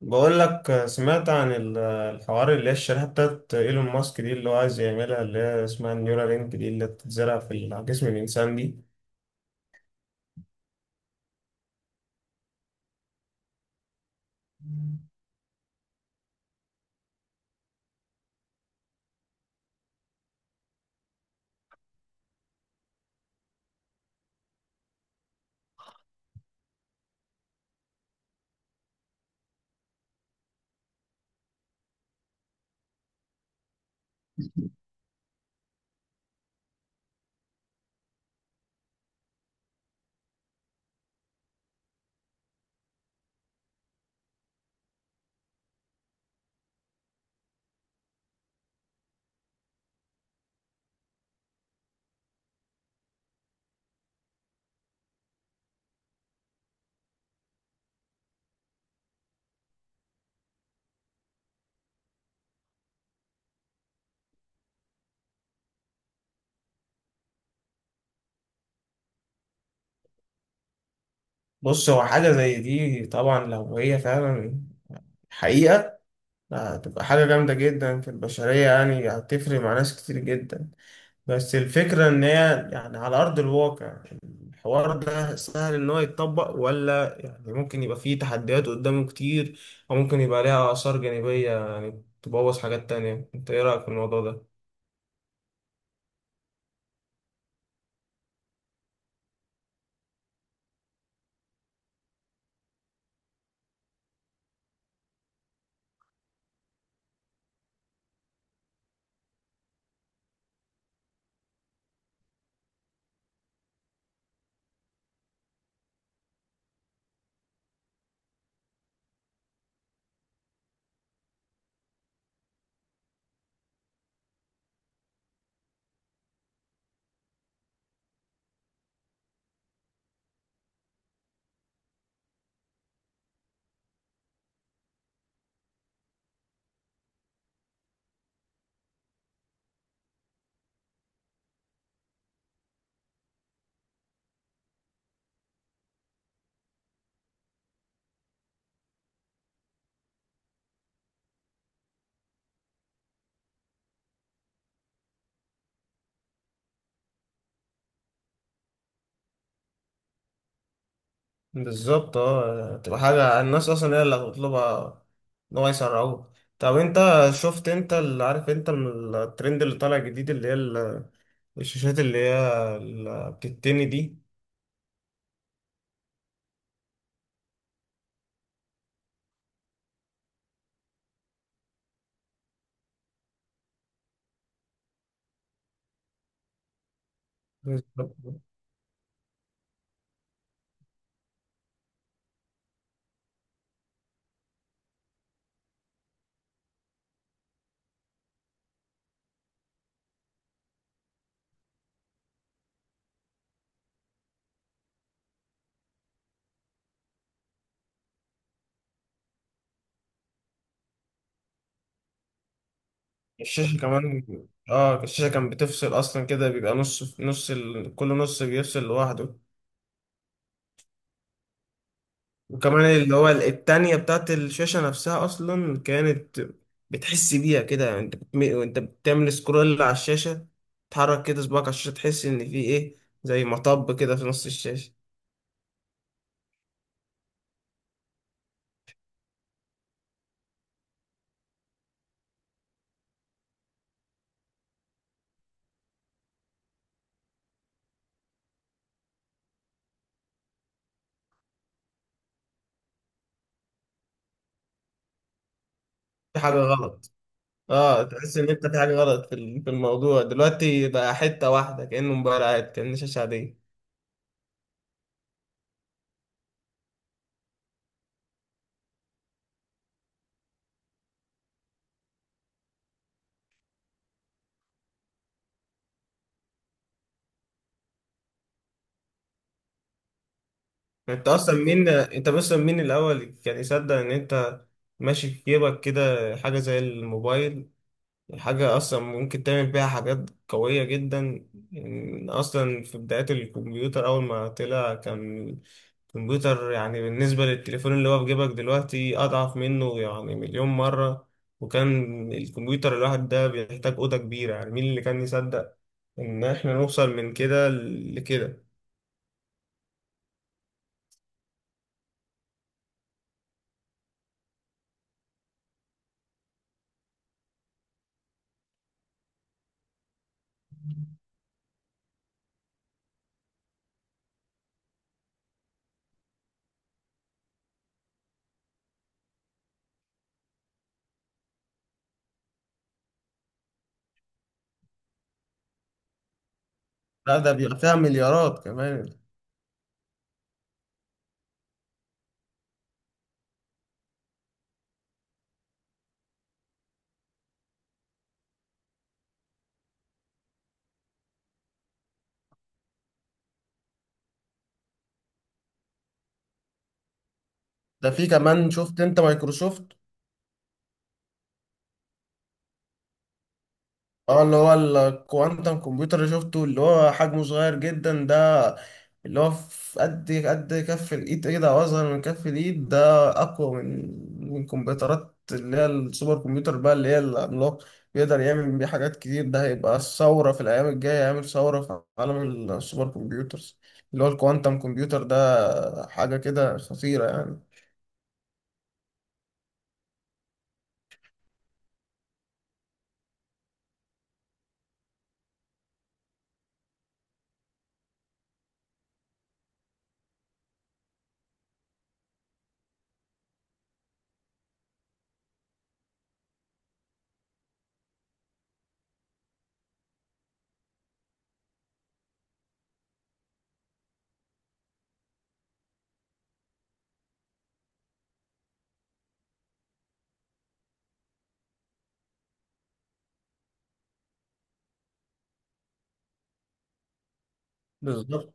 بقول لك سمعت عن الحوار اللي هي الشريحة بتاعت ايلون ماسك دي، اللي هو عايز يعملها، اللي هي اسمها النيورالينك دي، اللي بتتزرع على جسم الإنسان دي. بص، هو حاجة زي دي طبعا، لو هي فعلا حقيقة، هتبقى حاجة جامدة جدا في البشرية، يعني هتفرق مع ناس كتير جدا. بس الفكرة إن هي يعني على أرض الواقع، الحوار ده سهل إن هو يتطبق ولا يعني ممكن يبقى فيه تحديات قدامه كتير، أو ممكن يبقى ليها آثار جانبية يعني تبوظ حاجات تانية. أنت إيه رأيك في الموضوع ده؟ بالظبط، اه، تبقى حاجة الناس أصلا هي اللي هتطلبها، إن هو يسرعوه. طب أنت شفت، أنت اللي عارف أنت، من الترند اللي طالع جديد، اللي هي الشاشات اللي هي اللي بتتني دي. بالظبط. الشاشة كمان. اه، الشاشة كان بتفصل أصلا كده، بيبقى نص في نص كل نص بيفصل لوحده. وكمان اللي هو التانية بتاعت الشاشة نفسها أصلا كانت بتحس بيها كده، يعني أنت وأنت بتعمل سكرول على الشاشة، تحرك كده صباعك على الشاشة تحس إن في إيه، زي مطب كده في نص الشاشة. في حاجة غلط. اه، تحس إن أنت في حاجة غلط في الموضوع. دلوقتي بقى حتة واحدة، كأنه موبايل عادي، كأنه شاشة عادية. انت اصلا مين الاول كان يصدق ان انت ماشي في جيبك كده حاجه زي الموبايل؟ حاجه اصلا ممكن تعمل بيها حاجات قويه جدا. ان اصلا في بدايات الكمبيوتر، اول ما طلع، كان الكمبيوتر يعني بالنسبه للتليفون اللي هو في جيبك دلوقتي اضعف منه يعني مليون مره. وكان الكمبيوتر الواحد ده بيحتاج اوضه كبيره. يعني مين اللي كان يصدق ان احنا نوصل من كده لكده؟ لا، ده بيبقى فيها مليارات كمان. ده في كمان، شفت انت مايكروسوفت؟ اه، اللي هو الكوانتم كمبيوتر اللي شفته، اللي هو حجمه صغير جدا ده، اللي هو في قد كف الايد، ايه ده، اصغر من كف الايد ده، اقوى من كمبيوترات اللي هي السوبر كمبيوتر بقى، اللي هي العملاق. بيقدر يعمل بيه حاجات كتير. ده هيبقى الثورة في الأيام الجاية، هيعمل ثورة في عالم السوبر كمبيوترز. اللي هو الكوانتم كمبيوتر ده حاجة كده خطيرة يعني. بالظبط.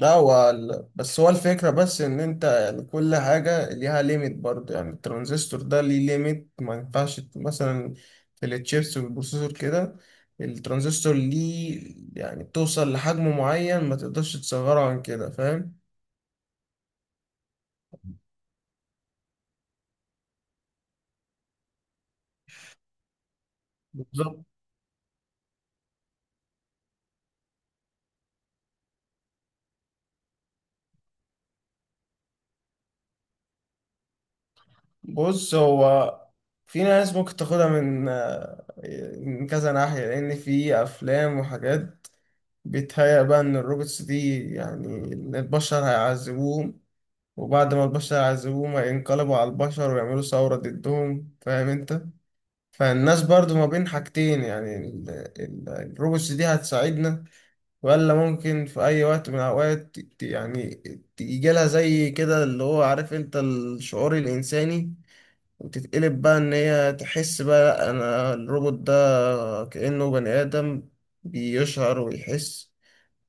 لا، هو بس هو الفكرة بس إن أنت يعني كل حاجة ليها ليميت برضه، يعني الترانزستور ده ليه ليميت، ما ينفعش مثلا في التشيبس والبروسيسور كده، الترانزستور ليه يعني بتوصل لحجم معين ما تقدرش تصغره عن كده، فاهم؟ بالظبط. بص، هو في ناس ممكن تاخدها من كذا ناحية، لأن في أفلام وحاجات بيتهيأ بقى إن الروبوتس دي، يعني إن البشر هيعذبوهم، وبعد ما البشر يعذبوهم ينقلبوا على البشر ويعملوا ثورة ضدهم، فاهم انت؟ فالناس برضو ما بين حاجتين، يعني الروبوتس دي هتساعدنا، ولا ممكن في أي وقت من الأوقات يعني يجيلها زي كده، اللي هو عارف انت، الشعور الإنساني وتتقلب بقى، إن هي تحس بقى لأ، أنا الروبوت ده كأنه بني آدم، بيشعر ويحس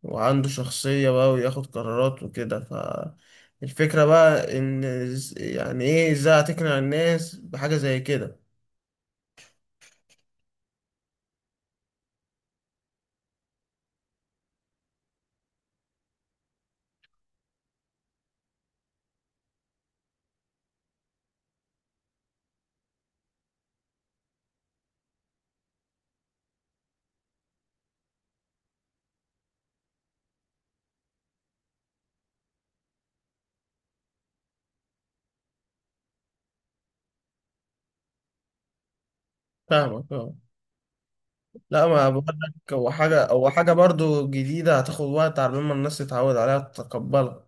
وعنده شخصية بقى وياخد قرارات وكده. ف الفكرة بقى إن يعني إيه إزاي هتقنع الناس بحاجة زي كده؟ فاهمك، اه. لا، ما بقول لك، هو حاجة برضو جديدة هتاخد وقت على ما الناس تتعود عليها تتقبلها.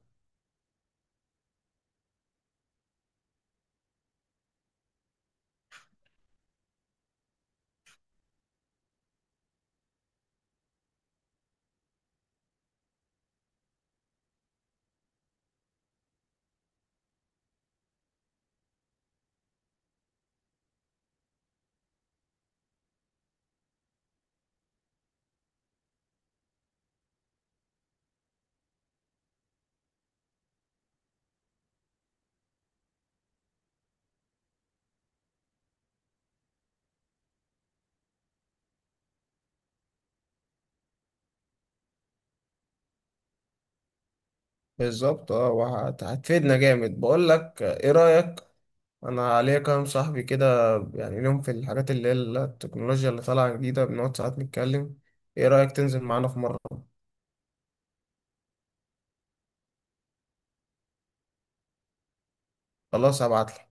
بالظبط، اه، وهت- هتفيدنا جامد. بقول لك ايه رأيك، انا عليا كام صاحبي كده يعني ليهم في الحاجات اللي هي التكنولوجيا اللي طالعة جديدة، بنقعد ساعات نتكلم. ايه رأيك تنزل معانا في مرة؟ خلاص، هبعتلك.